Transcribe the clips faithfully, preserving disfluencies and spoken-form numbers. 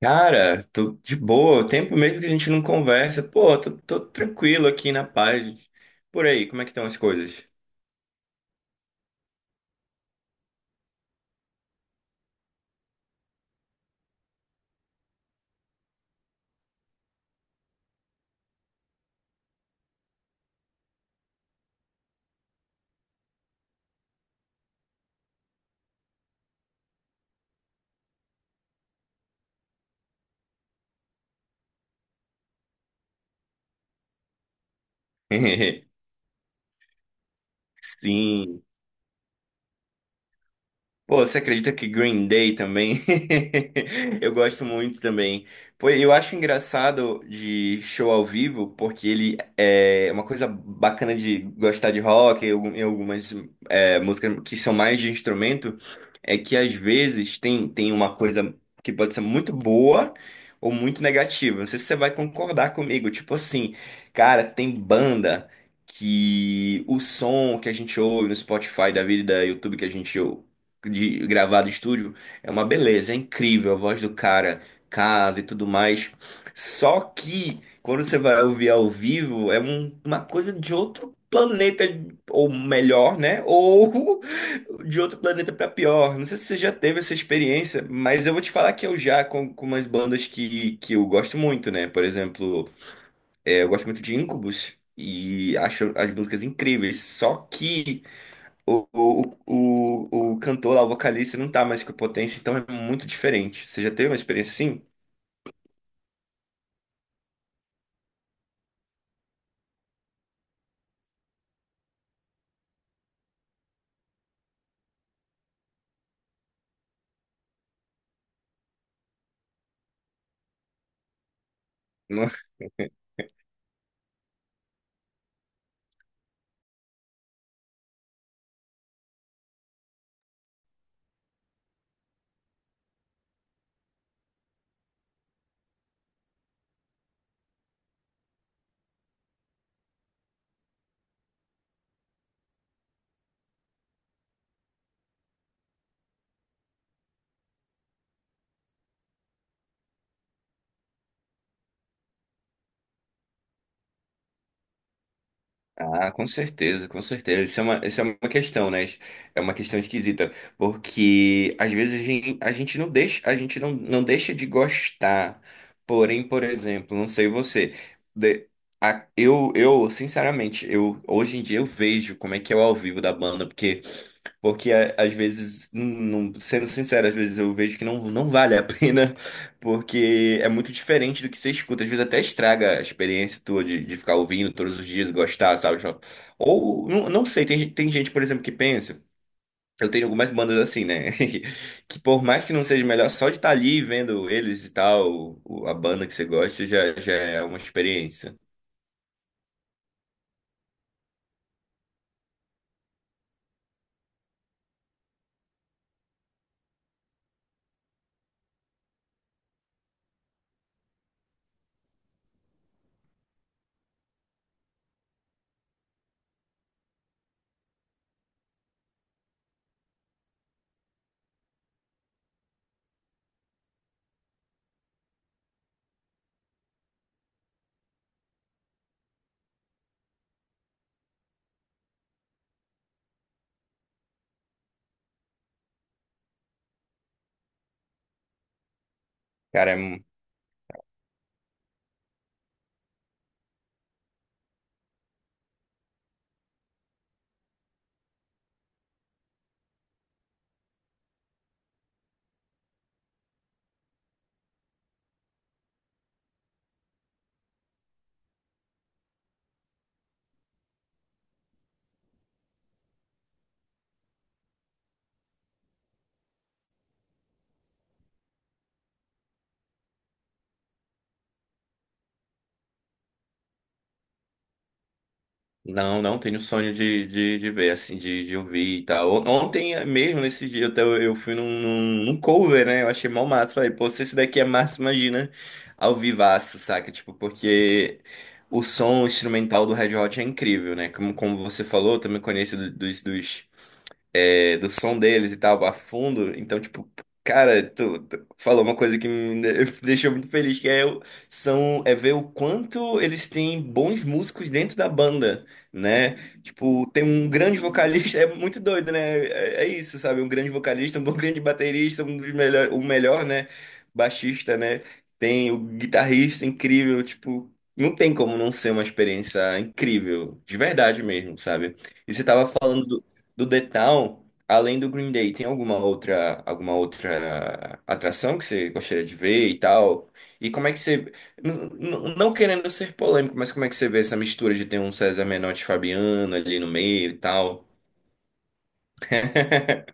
Cara, tô de boa. Tempo mesmo que a gente não conversa. Pô, tô, tô tranquilo aqui na paz. Por aí, como é que estão as coisas? Sim. Pô, você acredita que Green Day também? Eu gosto muito também. Pô, eu acho engraçado de show ao vivo, porque ele é uma coisa bacana de gostar de rock e algum- e algumas é, música que são mais de instrumento, é que às vezes tem, tem uma coisa que pode ser muito boa ou muito negativa. Não sei se você vai concordar comigo. Tipo assim, cara, tem banda que o som que a gente ouve no Spotify da vida e da YouTube que a gente ouve, de gravado em estúdio, é uma beleza, é incrível, a voz do cara, casa e tudo mais. Só que quando você vai ouvir ao vivo, é um- uma coisa de outro planeta, ou melhor, né? Ou de outro planeta pra pior. Não sei se você já teve essa experiência, mas eu vou te falar que eu já, com, com umas bandas que, que eu gosto muito, né? Por exemplo, é, eu gosto muito de Incubus. E acho as músicas incríveis. Só que o, o, o, o cantor lá, o vocalista, não tá mais com a potência, então é muito diferente. Você já teve uma experiência assim? Ah, com certeza, com certeza. Isso é uma, isso é uma questão, né? É uma questão esquisita, porque às vezes a gente, a gente não deixa, a gente não, não deixa de gostar. Porém, por exemplo, não sei você, de- a- eu, eu, sinceramente, eu hoje em dia eu vejo como é que é o ao vivo da banda, porque a- às vezes, não- sendo sincero, às vezes eu vejo que não, não vale a pena, porque é muito diferente do que você escuta. Às vezes até estraga a experiência tua de, de ficar ouvindo todos os dias, gostar, sabe? Tipo, ou, não, não sei, tem, gen- tem gente, por exemplo, que pensa. Eu tenho algumas bandas assim, né? Que por mais que não seja melhor, só de estar ali vendo eles e tal, o- a banda que você gosta, já, já é uma experiência. Cara, não, não tenho sonho de, de, de ver, assim, de, de ouvir e tal. On- Ontem mesmo, nesse dia, eu, tava- eu fui num, num, num cover, né? Eu achei mal massa. Falei, pô, se esse daqui é massa, imagina ao vivaço, saca? Tipo, porque o som instrumental do Red Hot é incrível, né? Como, como você falou, eu também conheço do- dos, dos é, do som deles e tal, a fundo. Então, tipo, cara, tu, tu falou uma coisa que me me deixou muito feliz, que é, o- são, é ver o quanto eles têm bons músicos dentro da banda, né? Tipo, tem um grande vocalista, é muito doido, né? É, é isso, sabe? Um grande vocalista, um bom grande baterista, um dos melhor, o melhor, né? Baixista, né? Tem o guitarrista incrível, tipo, não tem como não ser uma experiência incrível, de verdade mesmo, sabe? E você tava falando do, do The Town. Além do Green Day, tem alguma outra, alguma outra atração que você gostaria de ver e tal? E como é que você. n- n- Não querendo ser polêmico, mas como é que você vê essa mistura de ter um César Menotti e Fabiano ali no meio e tal?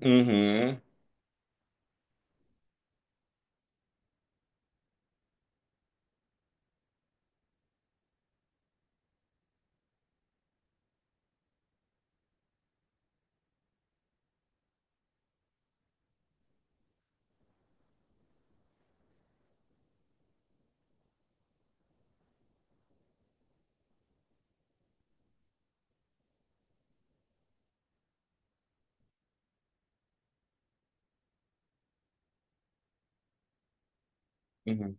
Uhum, uhum.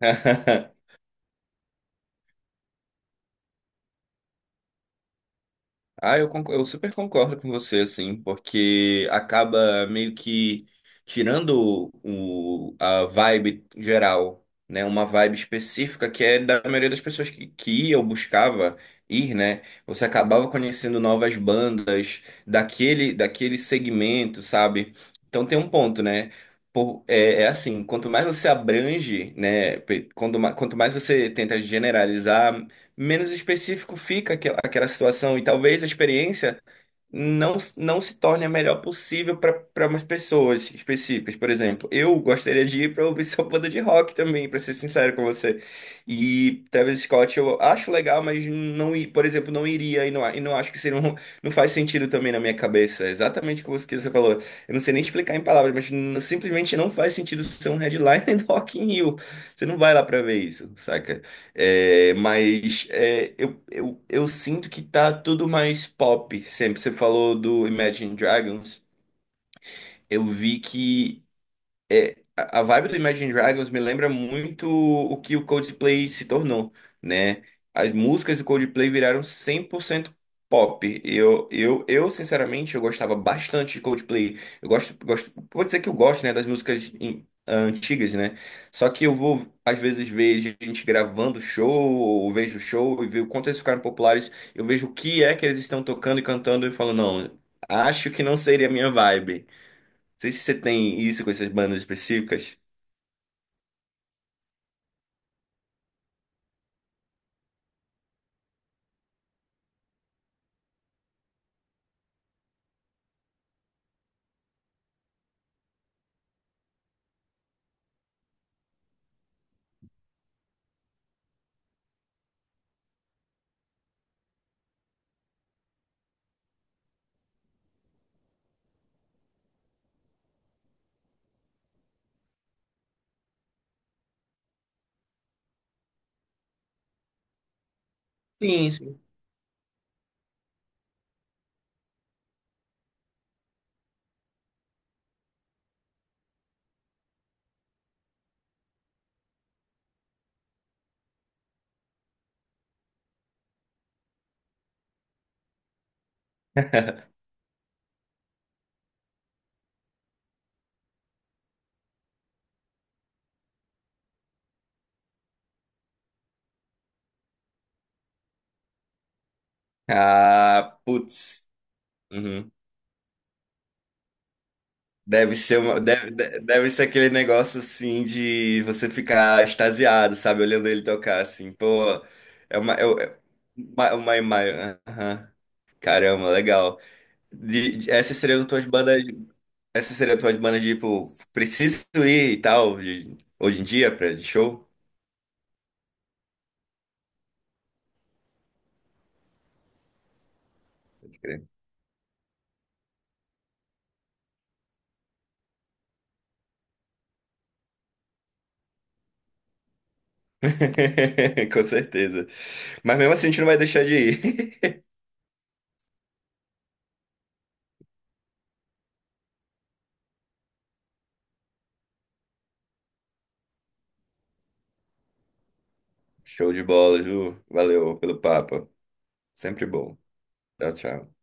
Ah, eu, concor- eu super concordo com você, assim, porque acaba meio que tirando o, a vibe geral, né? Uma vibe específica que é da maioria das pessoas que, que ia ou buscava ir, né? Você acabava conhecendo novas bandas daquele, daquele segmento, sabe? Então tem um ponto, né? Por- é, é assim, quanto mais você abrange, né? pe- Quando, ma- quanto mais você tenta generalizar, menos específico fica aquela, aquela situação e talvez a experiência não, não se torne a melhor possível para umas pessoas específicas. Por exemplo, eu gostaria de ir para ouvir sua banda de rock também, para ser sincero com você. E Travis Scott eu acho legal, mas não, i- por exemplo, não iria e não, e não acho que seria um, não faz sentido também na minha cabeça. É exatamente o que você falou. Eu não sei nem explicar em palavras, mas n- simplesmente não faz sentido ser um headliner do Rock in Rio. Você não vai lá para ver isso, saca? É, mas é, eu, eu, eu sinto que tá tudo mais pop sempre. Você falou do Imagine Dragons. Eu vi que é, a a vibe do Imagine Dragons me lembra muito o que o Coldplay se tornou, né? As músicas do Coldplay viraram cem por cento pop. Eu, eu, eu, sinceramente, eu gostava bastante de Coldplay. Eu gosto, gosto, vou dizer que eu gosto, né, das músicas em- antigas, né? Só que eu vou, às vezes, ver gente gravando show, ou vejo show e ver o quanto eles ficaram populares. Eu vejo o que é que eles estão tocando e cantando e falo, não, acho que não seria a minha vibe sei se você tem isso com essas bandas específicas. Sim, sim. Ah, putz. Uhum. Deve ser uma, deve, de- deve ser aquele negócio assim de você ficar extasiado, sabe? Olhando ele tocar assim. Pô, é uma, é é uma, uma imagem. Aham. Caramba, legal. De, de- essas seriam tuas bandas. Essas seriam tuas bandas, tipo, preciso ir e tal, de- hoje em dia, pra de show? Com certeza. Mas mesmo assim, a gente não vai deixar de ir. Show de bola, Ju. Valeu pelo papo. Sempre bom. Tchau, tchau.